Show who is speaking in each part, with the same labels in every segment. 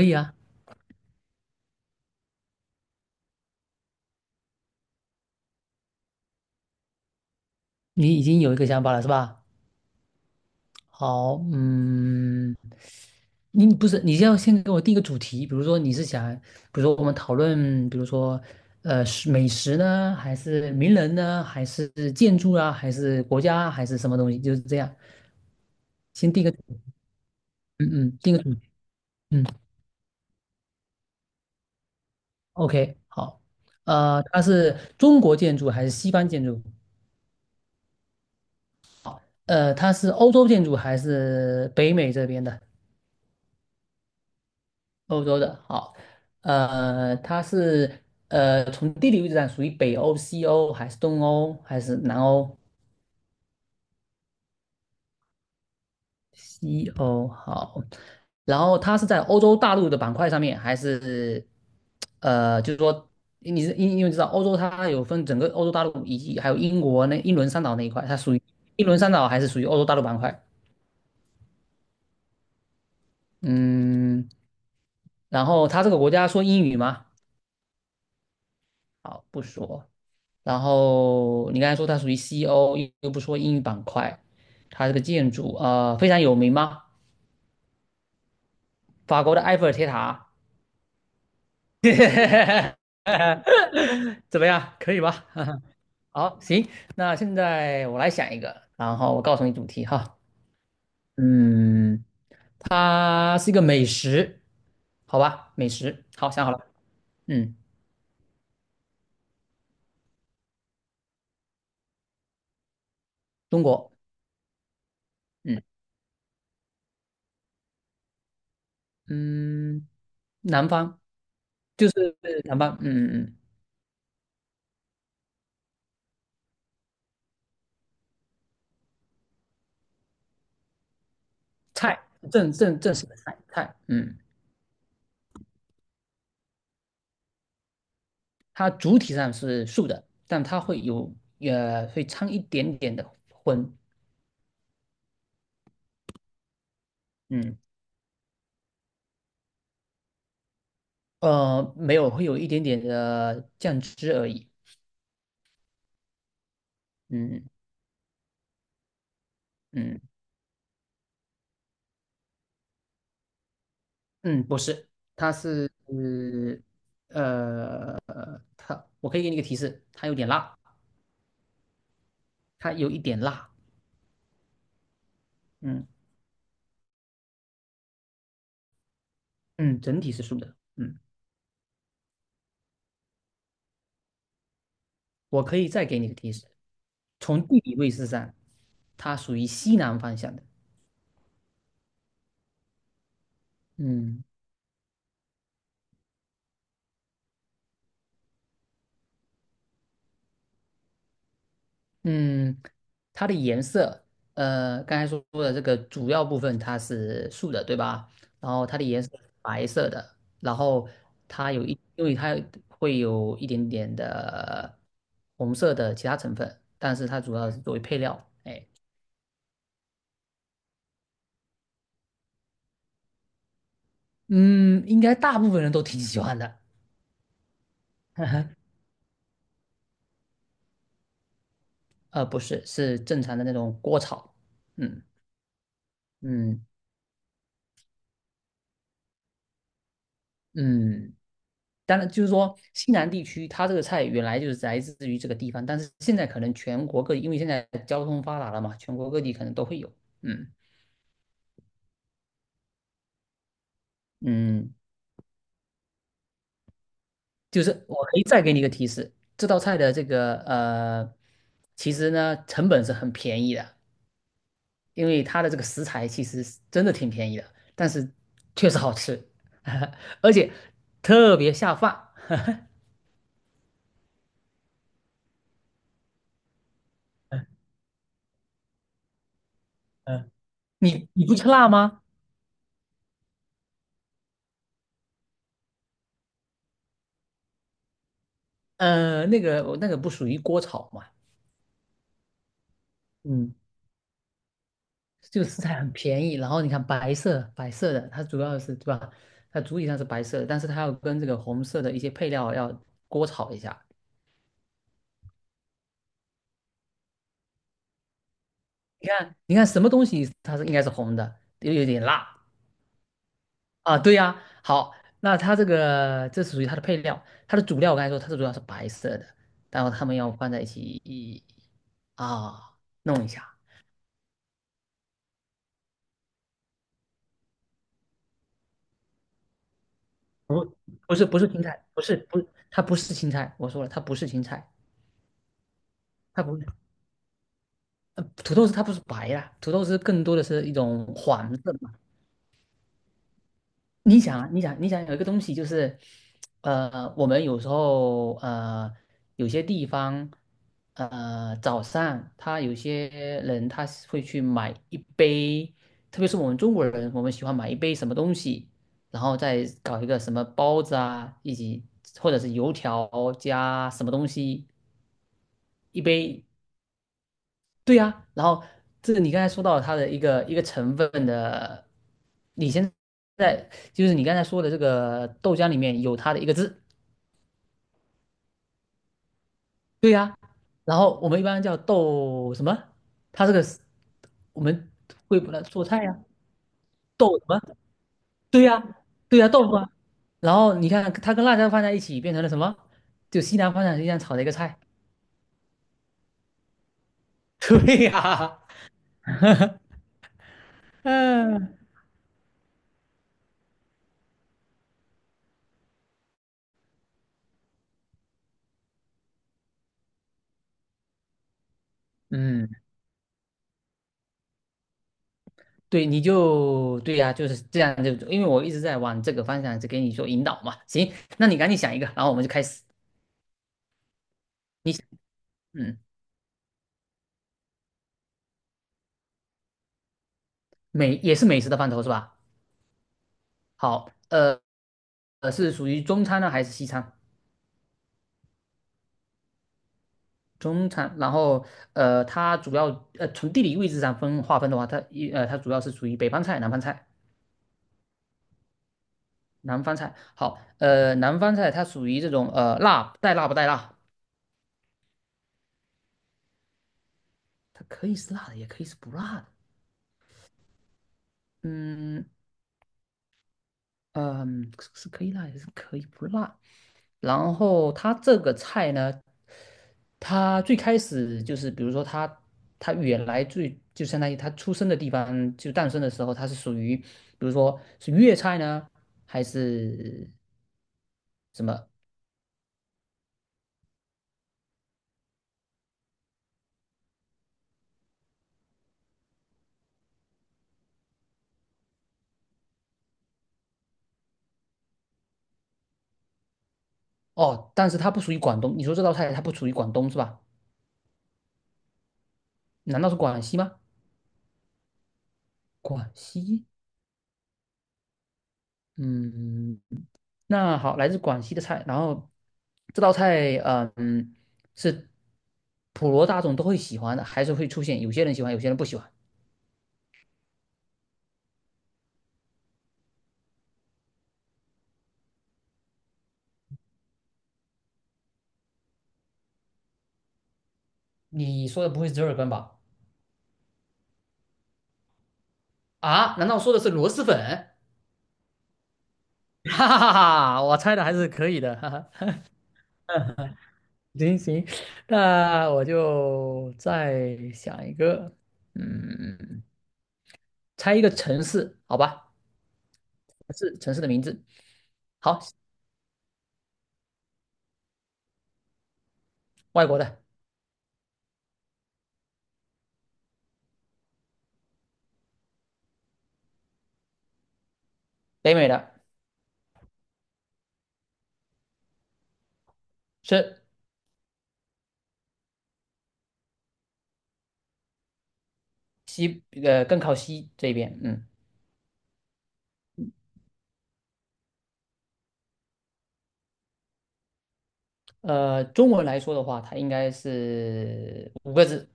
Speaker 1: 可以啊。你已经有一个想法了是吧？好，嗯，你不是，你要先给我定一个主题，比如说你是想，比如说我们讨论，比如说，是美食呢，还是名人呢，还是建筑啊，还是国家啊还是什么东西？就是这样，先定个主嗯嗯，定个主题，嗯，OK,好。它是中国建筑还是西方建筑？好，它是欧洲建筑还是北美这边的？欧洲的，好。呃，它是从地理位置上属于北欧、西欧还是东欧还是南欧？西欧好。然后它是在欧洲大陆的板块上面，还是就是说你是因为知道欧洲它有分整个欧洲大陆以及还有英国那英伦三岛那一块，它属于英伦三岛还是属于欧洲大陆板块？嗯，然后它这个国家说英语吗？好，不说。然后你刚才说它属于西欧，又不说英语板块，它这个建筑非常有名吗？法国的埃菲尔铁塔。怎么样？可以吧？好，行，那现在我来想一个，然后我告诉你主题哈。嗯，它是一个美食，好吧？美食，好，想好了。嗯，中国，嗯嗯，南方，就是南方，嗯嗯，嗯，菜，正式的菜，嗯。它主体上是素的，但它会有会掺一点点的荤，嗯，没有，会有一点点的酱汁而已，嗯，嗯，嗯，不是，它是呃我可以给你一个提示，它有点辣，它有一点辣，嗯，嗯，整体是素的，嗯，我可以再给你一个提示，从地理位置上，它属于西南方向的，嗯。嗯，它的颜色，刚才说的这个主要部分它是素的，对吧？然后它的颜色是白色的，然后它有一，因为它会有一点点的红色的其他成分，但是它主要是作为配料。哎，嗯，应该大部分人都挺喜欢的。不是，是正常的那种锅炒。嗯，嗯，嗯。当然，就是说西南地区，它这个菜原来就是来自于这个地方，但是现在可能全国各地，因为现在交通发达了嘛，全国各地可能都会有。嗯，嗯，就是我可以再给你一个提示，这道菜的这个其实呢成本是很便宜的，因为它的这个食材其实是真的挺便宜的，但是确实好吃，而且特别下饭。嗯，你你不吃辣吗？那个那个不属于锅炒嘛。嗯。就食材很便宜，然后你看白色的，它主要是对吧？它主体上是白色的，但是它要跟这个红色的一些配料要锅炒一下。你看，你看什么东西它是应该是红的，又有点辣？啊？对呀、好，那它这个这属于它的配料，它的主料我刚才说它是主要是白色的，然后它们要放在一起啊弄一下。不是不是青菜，不是不它不是青菜，我说了它不是青菜，它不是。土豆丝它不是白啦，土豆丝更多的是一种黄色嘛。你想啊，你想，你想有一个东西就是，我们有时候有些地方，早上他有些人他是会去买一杯，特别是我们中国人，我们喜欢买一杯什么东西，然后再搞一个什么包子啊，以及或者是油条加什么东西，一杯，对呀、然后这个你刚才说到它的一个一个成分的，你现在就是你刚才说的这个豆浆里面有它的一个字，对呀、然后我们一般叫豆什么？它这个是我们会把它做菜呀、豆什么？对呀、对呀、豆腐啊。然后你看它跟辣椒放在一起变成了什么？就西南方向西样炒的一个菜。对呀、嗯，对，你就对呀、就是这样就，因为我一直在往这个方向在给你做引导嘛。行，那你赶紧想一个，然后我们就开始。你想嗯，美也是美食的范畴是吧？好，是属于中餐呢还是西餐？中餐，然后它主要从地理位置上分划分的话，它主要是属于北方菜、南方菜。南方菜好，南方菜它属于这种辣带辣不带辣，它可以是辣的，也可以是不辣的。嗯，嗯，是可以辣也是可以不辣。然后它这个菜呢，它最开始就是，比如说它它原来最就相当于它出生的地方，就诞生的时候，它是属于，比如说是粤菜呢，还是什么？哦，但是它不属于广东。你说这道菜它不属于广东是吧？难道是广西吗？广西？嗯，那好，来自广西的菜，然后这道菜，是普罗大众都会喜欢的，还是会出现有些人喜欢，有些人不喜欢？你说的不会是折耳根吧？啊？难道说的是螺蛳粉？哈哈哈哈，我猜的还是可以的。哈哈。行行，那我就再想一个，嗯，猜一个城市，好吧？是城市城市的名字。好，外国的，北美的，是。更靠西这边，嗯，中文来说的话，它应该是五个字，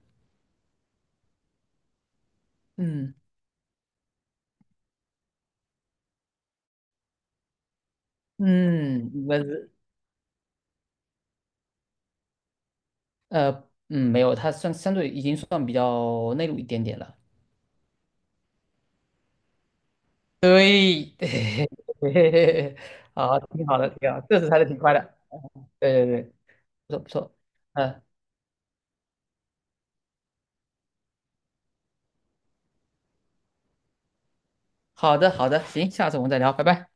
Speaker 1: 嗯嗯，五个字，没有，它算相对已经算比较内陆一点点了，对，对，好，挺好的，挺好的，这次猜的挺快的，对对对，不错不错，嗯、好的好的，行，下次我们再聊，拜拜。